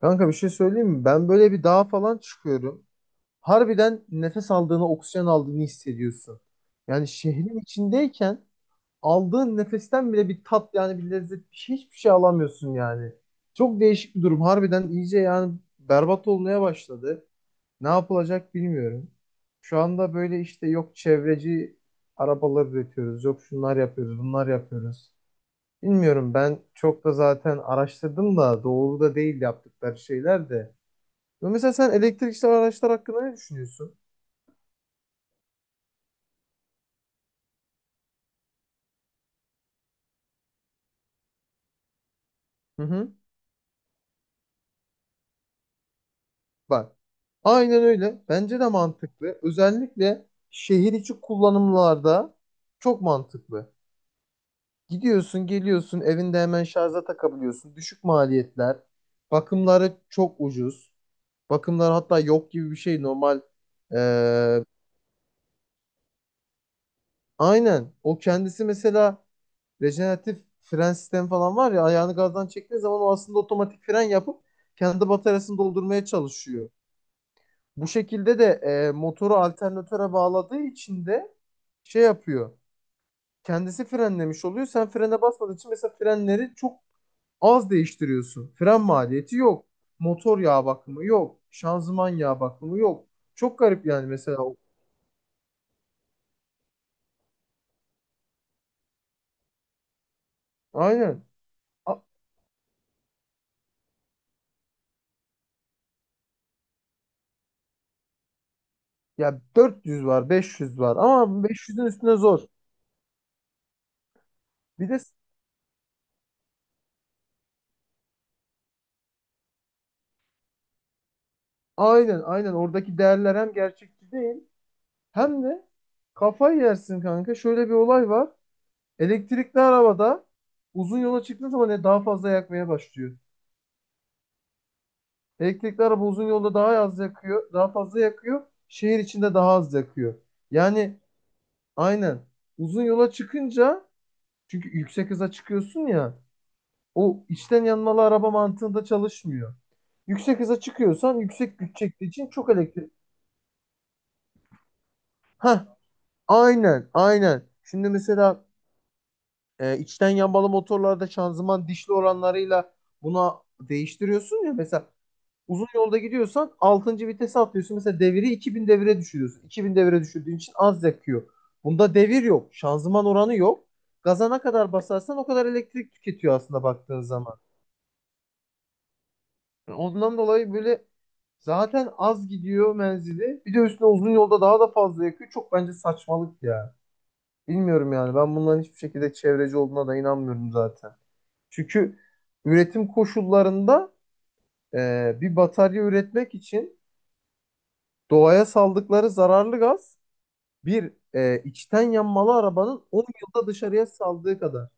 Kanka bir şey söyleyeyim mi? Ben böyle bir dağa falan çıkıyorum. Harbiden nefes aldığını, oksijen aldığını hissediyorsun. Yani şehrin içindeyken aldığın nefesten bile bir tat, yani bir lezzet, bir şey, hiçbir şey alamıyorsun yani. Çok değişik bir durum. Harbiden iyice yani berbat olmaya başladı. Ne yapılacak bilmiyorum. Şu anda böyle işte yok çevreci arabalar üretiyoruz, yok şunlar yapıyoruz, bunlar yapıyoruz. Bilmiyorum, ben çok da zaten araştırdım da doğru da değil yaptıkları şeyler de. Ve mesela sen elektrikli araçlar hakkında ne düşünüyorsun? Hı hı. Bak. Aynen öyle. Bence de mantıklı. Özellikle şehir içi kullanımlarda çok mantıklı. Gidiyorsun, geliyorsun, evinde hemen şarja takabiliyorsun. Düşük maliyetler. Bakımları çok ucuz. Bakımlar hatta yok gibi bir şey normal. Ee, aynen. O kendisi mesela rejeneratif fren sistemi falan var ya, ayağını gazdan çektiği zaman o aslında otomatik fren yapıp kendi bataryasını doldurmaya çalışıyor. Bu şekilde de motoru alternatöre bağladığı için de şey yapıyor. Kendisi frenlemiş oluyor. Sen frene basmadığın için mesela frenleri çok az değiştiriyorsun. Fren maliyeti yok. Motor yağ bakımı yok. Şanzıman yağ bakımı yok. Çok garip yani mesela. Aynen. A- Ya 400 var, 500 var ama 500'ün üstüne zor. Bir de s- aynen aynen, oradaki değerler hem gerçekçi değil hem de kafayı yersin kanka. Şöyle bir olay var. Elektrikli arabada uzun yola çıktığın zaman daha fazla yakmaya başlıyor. Elektrikli araba uzun yolda daha az yakıyor, daha fazla yakıyor. Şehir içinde daha az yakıyor. Yani aynen uzun yola çıkınca, çünkü yüksek hıza çıkıyorsun ya, o içten yanmalı araba mantığında çalışmıyor. Yüksek hıza çıkıyorsan yüksek güç çektiği için çok elektrik. Ha, aynen, aynen. Şimdi mesela içten yanmalı motorlarda şanzıman dişli oranlarıyla buna değiştiriyorsun ya mesela. Uzun yolda gidiyorsan altıncı vitese atlıyorsun. Mesela deviri 2000 devire düşürüyorsun. 2000 devire düşürdüğün için az yakıyor. Bunda devir yok. Şanzıman oranı yok. Gaza ne kadar basarsan o kadar elektrik tüketiyor aslında baktığın zaman. Yani ondan dolayı böyle zaten az gidiyor menzili. Bir de üstüne uzun yolda daha da fazla yakıyor. Çok bence saçmalık ya. Bilmiyorum yani. Ben bunların hiçbir şekilde çevreci olduğuna da inanmıyorum zaten. Çünkü üretim koşullarında bir batarya üretmek için doğaya saldıkları zararlı gaz, bir içten yanmalı arabanın 10 yılda dışarıya saldığı kadar.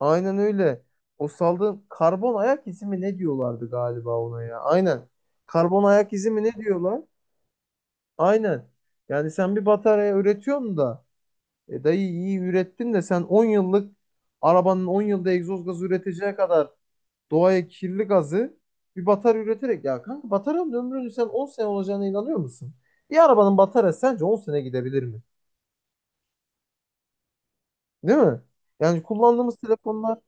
Aynen öyle. O saldığın karbon ayak izi mi ne diyorlardı galiba ona ya? Aynen. Karbon ayak izi mi ne diyorlar? Aynen. Yani sen bir batarya üretiyorsun da, dayı, iyi ürettin de sen 10 yıllık arabanın 10 yılda egzoz gazı üreteceği kadar doğaya kirli gazı bir batarya üreterek, ya kanka, bataryanın ömrünün sen 10 sene olacağına inanıyor musun? Bir arabanın bataryası sence 10 sene gidebilir mi? Değil mi? Yani kullandığımız telefonlar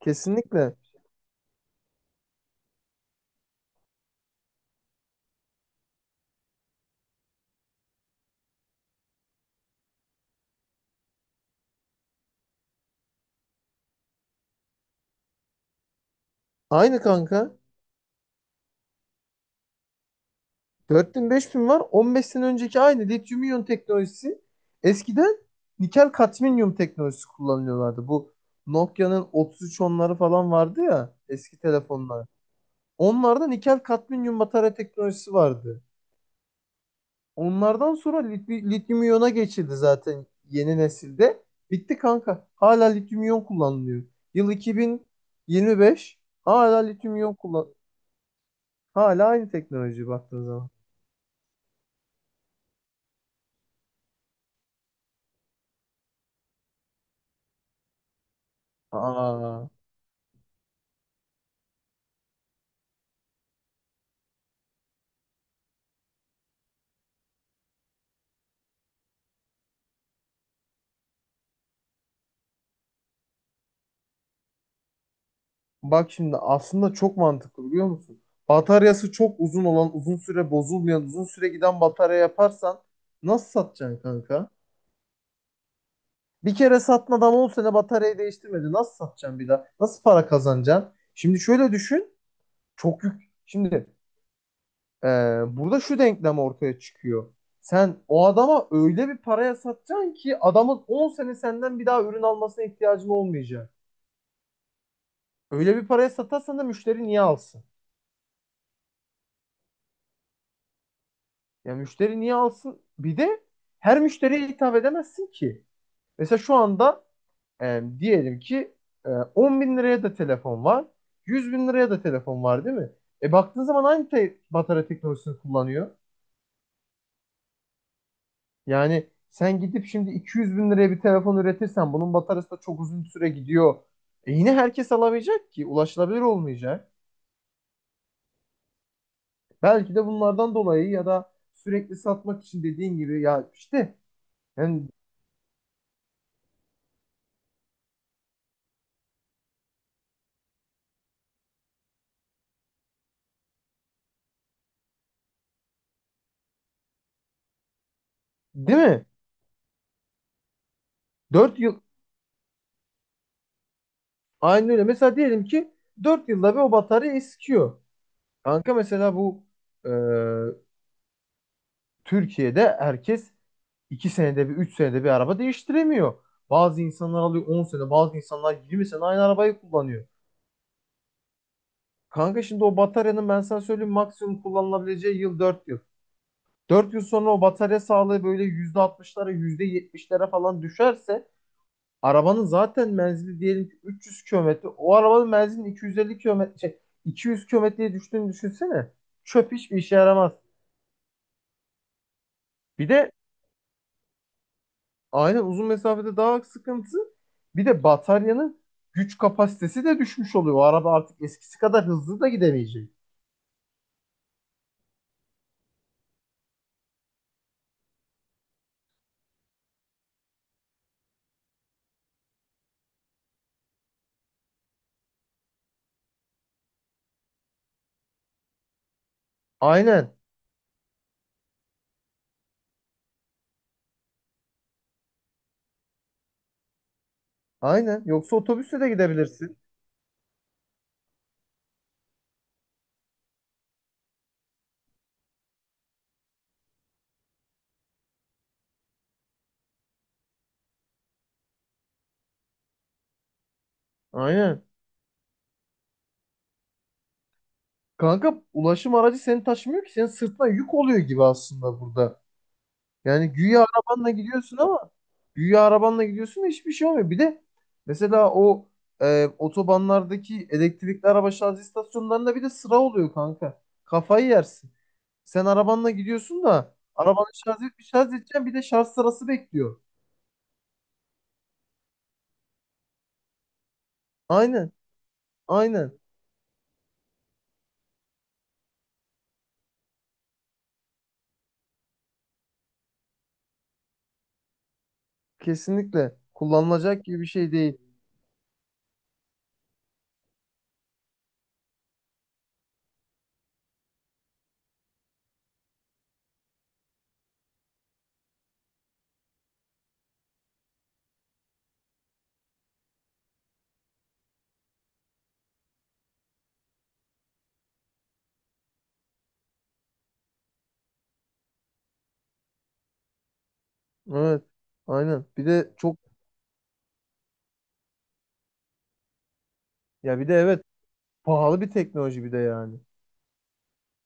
kesinlikle aynı kanka. 4000 5000 var. 15 sene önceki aynı lityum iyon teknolojisi. Eskiden nikel kadmiyum teknolojisi kullanıyorlardı. Bu Nokia'nın otuz üç onları falan vardı ya, eski telefonlar. Onlarda nikel kadmiyum batarya teknolojisi vardı. Onlardan sonra lityum iyona geçildi zaten yeni nesilde. Bitti kanka. Hala lityum iyon kullanılıyor. Yıl 2025, hala lityum iyon kullan. Hala aynı teknoloji baktığın zaman. Aa, bak şimdi aslında çok mantıklı biliyor musun? Bataryası çok uzun olan, uzun süre bozulmayan, uzun süre giden batarya yaparsan nasıl satacaksın kanka? Bir kere satın, adam 10 sene bataryayı değiştirmedi. Nasıl satacaksın bir daha? Nasıl para kazanacaksın? Şimdi şöyle düşün. Çok yük. Şimdi Ee, burada şu denklem ortaya çıkıyor. Sen o adama öyle bir paraya satacaksın ki adamın 10 sene senden bir daha ürün almasına ihtiyacın olmayacak. Öyle bir paraya satarsan da müşteri niye alsın? Ya müşteri niye alsın? Bir de her müşteriye hitap edemezsin ki. Mesela şu anda diyelim ki 10 bin liraya da telefon var. 100 bin liraya da telefon var değil mi? E baktığın zaman aynı batarya teknolojisini kullanıyor. Yani sen gidip şimdi 200 bin liraya bir telefon üretirsen bunun bataryası da çok uzun süre gidiyor. E yine herkes alamayacak ki. Ulaşılabilir olmayacak. Belki de bunlardan dolayı, ya da sürekli satmak için dediğin gibi, ya işte, yani, değil mi? 4 yıl, aynı öyle. Mesela diyelim ki 4 yılda bir o batarya eskiyor. Kanka mesela bu e, Türkiye'de herkes 2 senede bir, 3 senede bir araba değiştiremiyor. Bazı insanlar alıyor 10 sene, bazı insanlar 20 sene aynı arabayı kullanıyor. Kanka şimdi o bataryanın ben sana söyleyeyim maksimum kullanılabileceği yıl 4 yıl. Dört yıl sonra o batarya sağlığı böyle %60'lara, %70'lere falan düşerse arabanın zaten menzili diyelim ki 300 kilometre. O arabanın menzilinin 250 kilometre, şey, 200 kilometreye düştüğünü düşünsene. Çöp, hiçbir işe yaramaz. Bir de aynen uzun mesafede daha sıkıntı. Bir de bataryanın güç kapasitesi de düşmüş oluyor. O araba artık eskisi kadar hızlı da gidemeyecek. Aynen. Aynen. Yoksa otobüsle de gidebilirsin. Aynen. Kanka ulaşım aracı seni taşımıyor ki, senin sırtına yük oluyor gibi aslında burada. Yani güya arabanla gidiyorsun ama güya arabanla gidiyorsun da hiçbir şey olmuyor. Bir de mesela o otobanlardaki elektrikli araba şarj istasyonlarında bir de sıra oluyor kanka. Kafayı yersin. Sen arabanla gidiyorsun da arabanı şarj et, bir şarj edeceksin, bir de şarj sırası bekliyor. Aynen, aynen. Kesinlikle kullanılacak gibi bir şey değil. Evet, aynen. Bir de çok, ya, bir de evet, pahalı bir teknoloji bir de yani.